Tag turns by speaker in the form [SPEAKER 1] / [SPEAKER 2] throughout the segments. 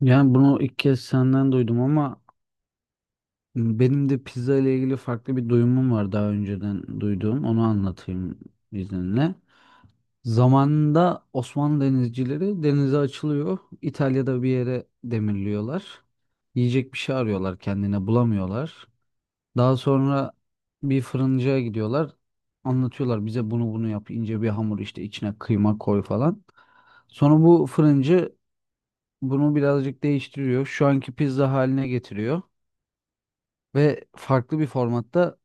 [SPEAKER 1] Yani bunu ilk kez senden duydum ama benim de pizza ile ilgili farklı bir duyumum var daha önceden duyduğum. Onu anlatayım izninle. Zamanında Osmanlı denizcileri denize açılıyor. İtalya'da bir yere demirliyorlar. Yiyecek bir şey arıyorlar kendine bulamıyorlar. Daha sonra bir fırıncıya gidiyorlar. Anlatıyorlar bize bunu yap ince bir hamur işte içine kıyma koy falan. Sonra bu fırıncı bunu birazcık değiştiriyor. Şu anki pizza haline getiriyor ve farklı bir formatta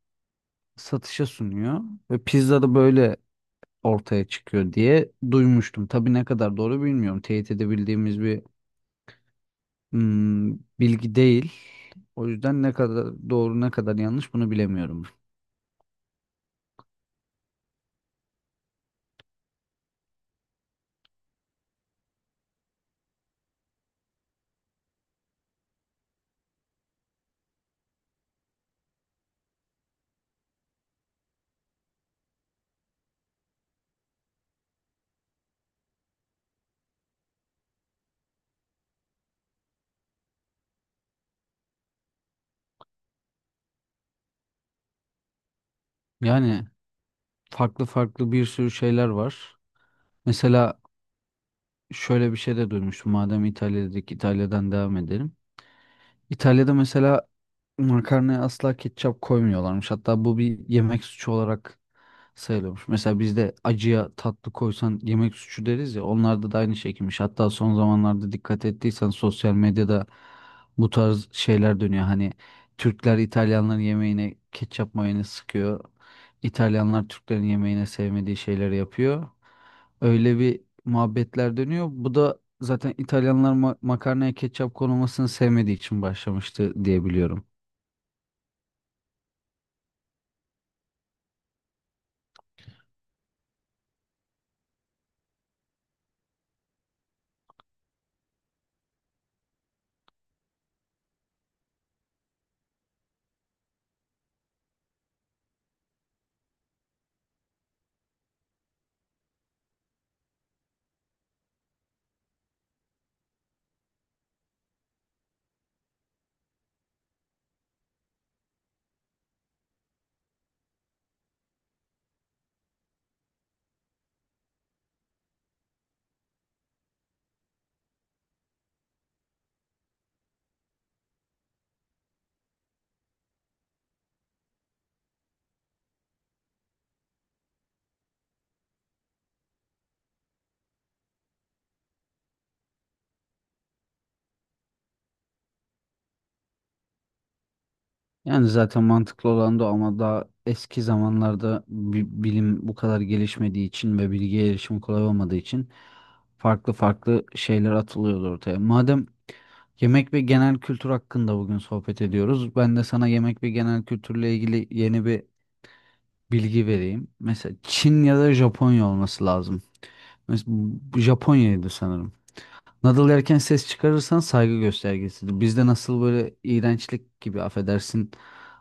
[SPEAKER 1] satışa sunuyor. Ve pizza da böyle ortaya çıkıyor diye duymuştum. Tabii ne kadar doğru bilmiyorum. Teyit edebildiğimiz bir hmm, bilgi değil. O yüzden ne kadar doğru ne kadar yanlış bunu bilemiyorum. Yani farklı farklı bir sürü şeyler var. Mesela şöyle bir şey de duymuştum. Madem İtalya'daki İtalya'dan devam edelim. İtalya'da mesela makarnaya asla ketçap koymuyorlarmış. Hatta bu bir yemek suçu olarak sayılıyormuş. Mesela bizde acıya tatlı koysan yemek suçu deriz ya onlarda da aynı şekilmiş. Hatta son zamanlarda dikkat ettiysen sosyal medyada bu tarz şeyler dönüyor. Hani Türkler İtalyanların yemeğine ketçap mayonez sıkıyor. İtalyanlar Türklerin yemeğine sevmediği şeyleri yapıyor. Öyle bir muhabbetler dönüyor. Bu da zaten İtalyanlar makarnaya ketçap konulmasını sevmediği için başlamıştı diye biliyorum. Yani zaten mantıklı olan da o ama daha eski zamanlarda bilim bu kadar gelişmediği için ve bilgiye erişim kolay olmadığı için farklı farklı şeyler atılıyordu ortaya. Madem yemek ve genel kültür hakkında bugün sohbet ediyoruz, ben de sana yemek ve genel kültürle ilgili yeni bir bilgi vereyim. Mesela Çin ya da Japonya olması lazım. Mesela Japonya'ydı sanırım. Nadal erken ses çıkarırsan saygı göstergesidir. Bizde nasıl böyle iğrençlik gibi affedersin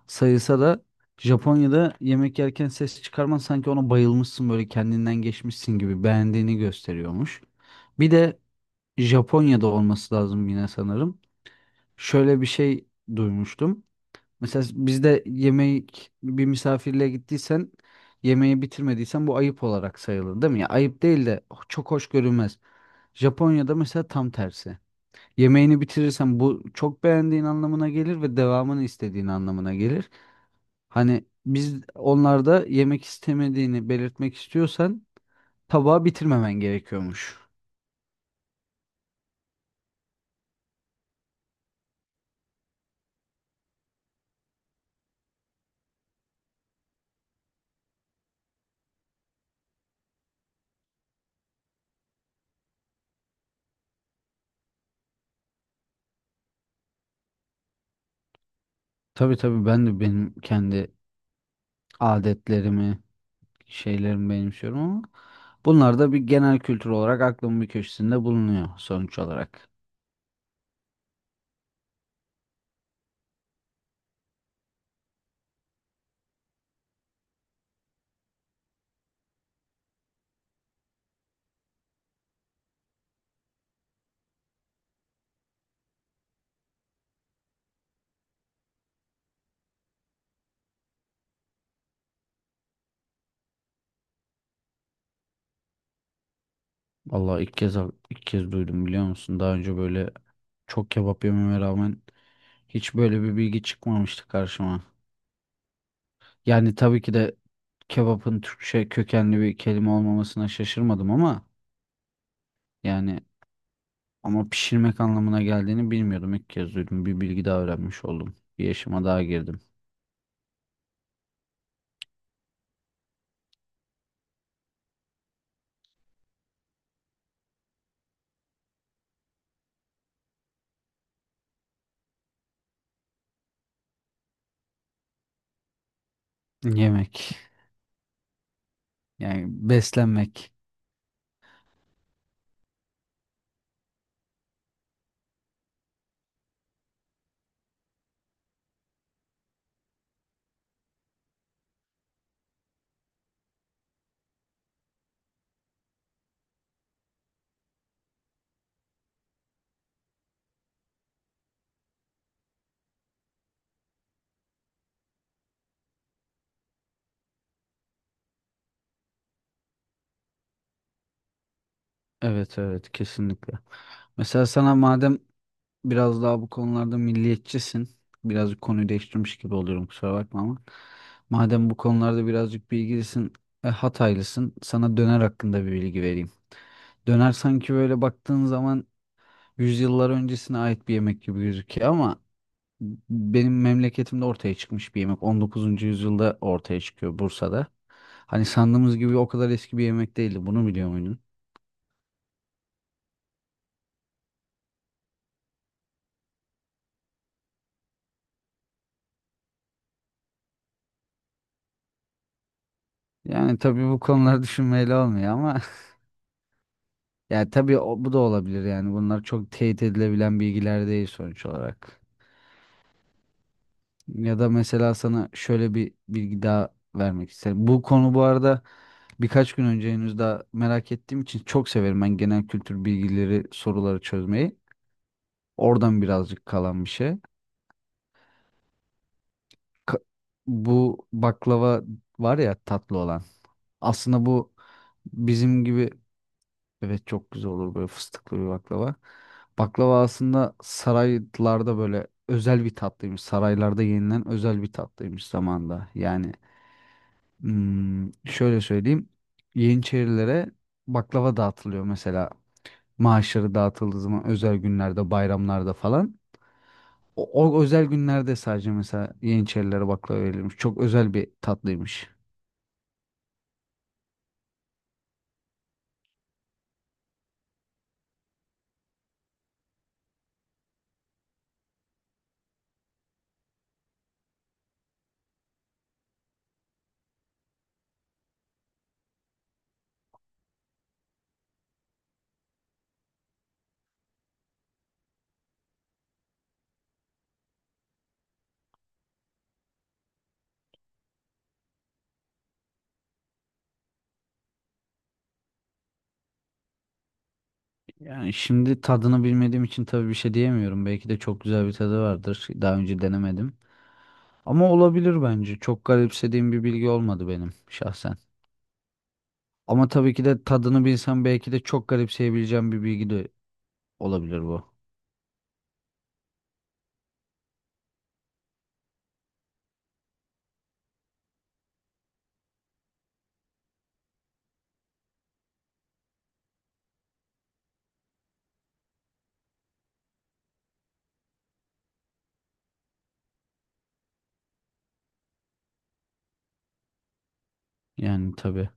[SPEAKER 1] sayılsa da Japonya'da yemek yerken ses çıkarman sanki ona bayılmışsın böyle kendinden geçmişsin gibi beğendiğini gösteriyormuş. Bir de Japonya'da olması lazım yine sanırım. Şöyle bir şey duymuştum. Mesela bizde yemek bir misafirliğe gittiysen yemeği bitirmediysen bu ayıp olarak sayılır değil mi? Ya ayıp değil de çok hoş görünmez. Japonya'da mesela tam tersi. Yemeğini bitirirsen bu çok beğendiğin anlamına gelir ve devamını istediğin anlamına gelir. Hani biz onlarda yemek istemediğini belirtmek istiyorsan tabağı bitirmemen gerekiyormuş. Tabii tabii ben de benim kendi adetlerimi, şeylerimi benimsiyorum ama bunlar da bir genel kültür olarak aklımın bir köşesinde bulunuyor sonuç olarak. Vallahi ilk kez duydum biliyor musun? Daha önce böyle çok kebap yememe rağmen hiç böyle bir bilgi çıkmamıştı karşıma. Yani tabii ki de kebapın Türkçe kökenli bir kelime olmamasına şaşırmadım ama yani ama pişirmek anlamına geldiğini bilmiyordum. İlk kez duydum. Bir bilgi daha öğrenmiş oldum. Bir yaşıma daha girdim. Yemek. Yani beslenmek. Evet evet kesinlikle. Mesela sana madem biraz daha bu konularda milliyetçisin. Birazcık konuyu değiştirmiş gibi oluyorum kusura bakma ama. Madem bu konularda birazcık bilgilisin, Hataylısın. Sana döner hakkında bir bilgi vereyim. Döner sanki böyle baktığın zaman yüzyıllar öncesine ait bir yemek gibi gözüküyor ama benim memleketimde ortaya çıkmış bir yemek. 19. yüzyılda ortaya çıkıyor Bursa'da. Hani sandığımız gibi o kadar eski bir yemek değildi. Bunu biliyor muydun? Yani tabii bu konular düşünmeyle olmuyor ama yani tabii o- bu da olabilir yani. Bunlar çok teyit edilebilen bilgiler değil sonuç olarak. Ya da mesela sana şöyle bir bilgi daha vermek isterim. Bu konu bu arada birkaç gün önce henüz daha merak ettiğim için çok severim ben genel kültür bilgileri, soruları çözmeyi. Oradan birazcık kalan bir şey. Ka- Bu baklava var ya tatlı olan. Aslında bu bizim gibi evet çok güzel olur böyle fıstıklı bir baklava. Baklava aslında saraylarda böyle özel bir tatlıymış. Saraylarda yenilen özel bir tatlıymış zamanda. Yani şöyle söyleyeyim. Yeniçerilere baklava dağıtılıyor mesela. Maaşları dağıtıldığı zaman özel günlerde, bayramlarda falan. O özel günlerde sadece mesela Yeniçerilere baklava verilmiş. Çok özel bir tatlıymış. Yani şimdi tadını bilmediğim için tabii bir şey diyemiyorum. Belki de çok güzel bir tadı vardır. Daha önce denemedim. Ama olabilir bence. Çok garipsediğim bir bilgi olmadı benim şahsen. Ama tabii ki de tadını bilsem belki de çok garipseyebileceğim bir bilgi de olabilir bu. Yani tabii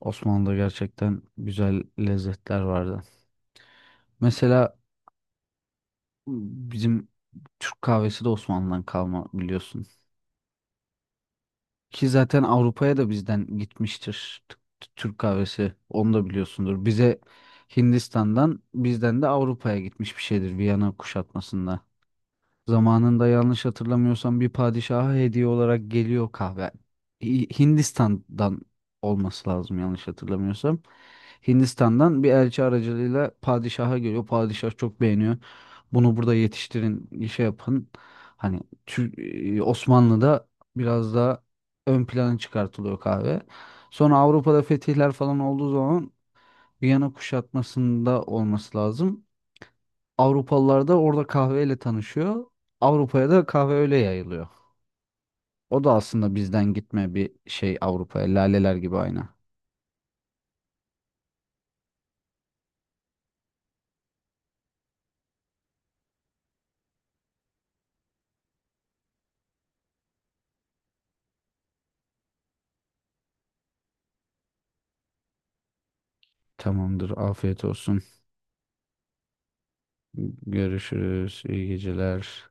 [SPEAKER 1] Osmanlı'da gerçekten güzel lezzetler vardı. Mesela bizim Türk kahvesi de Osmanlı'dan kalma biliyorsun. Ki zaten Avrupa'ya da bizden gitmiştir Türk kahvesi. Onu da biliyorsundur. Bize Hindistan'dan bizden de Avrupa'ya gitmiş bir şeydir Viyana kuşatmasında. Zamanında yanlış hatırlamıyorsam bir padişaha hediye olarak geliyor kahve. Hindistan'dan olması lazım yanlış hatırlamıyorsam. Hindistan'dan bir elçi aracılığıyla padişaha geliyor. Padişah çok beğeniyor. Bunu burada yetiştirin, şey yapın. Hani Tür- Osmanlı'da biraz daha ön plana çıkartılıyor kahve. Sonra Avrupa'da fetihler falan olduğu zaman Viyana kuşatmasında olması lazım. Avrupalılar da orada kahveyle tanışıyor. Avrupa'ya da kahve öyle yayılıyor. O da aslında bizden gitme bir şey Avrupa'ya. Laleler gibi aynı. Tamamdır. Afiyet olsun. Görüşürüz. İyi geceler.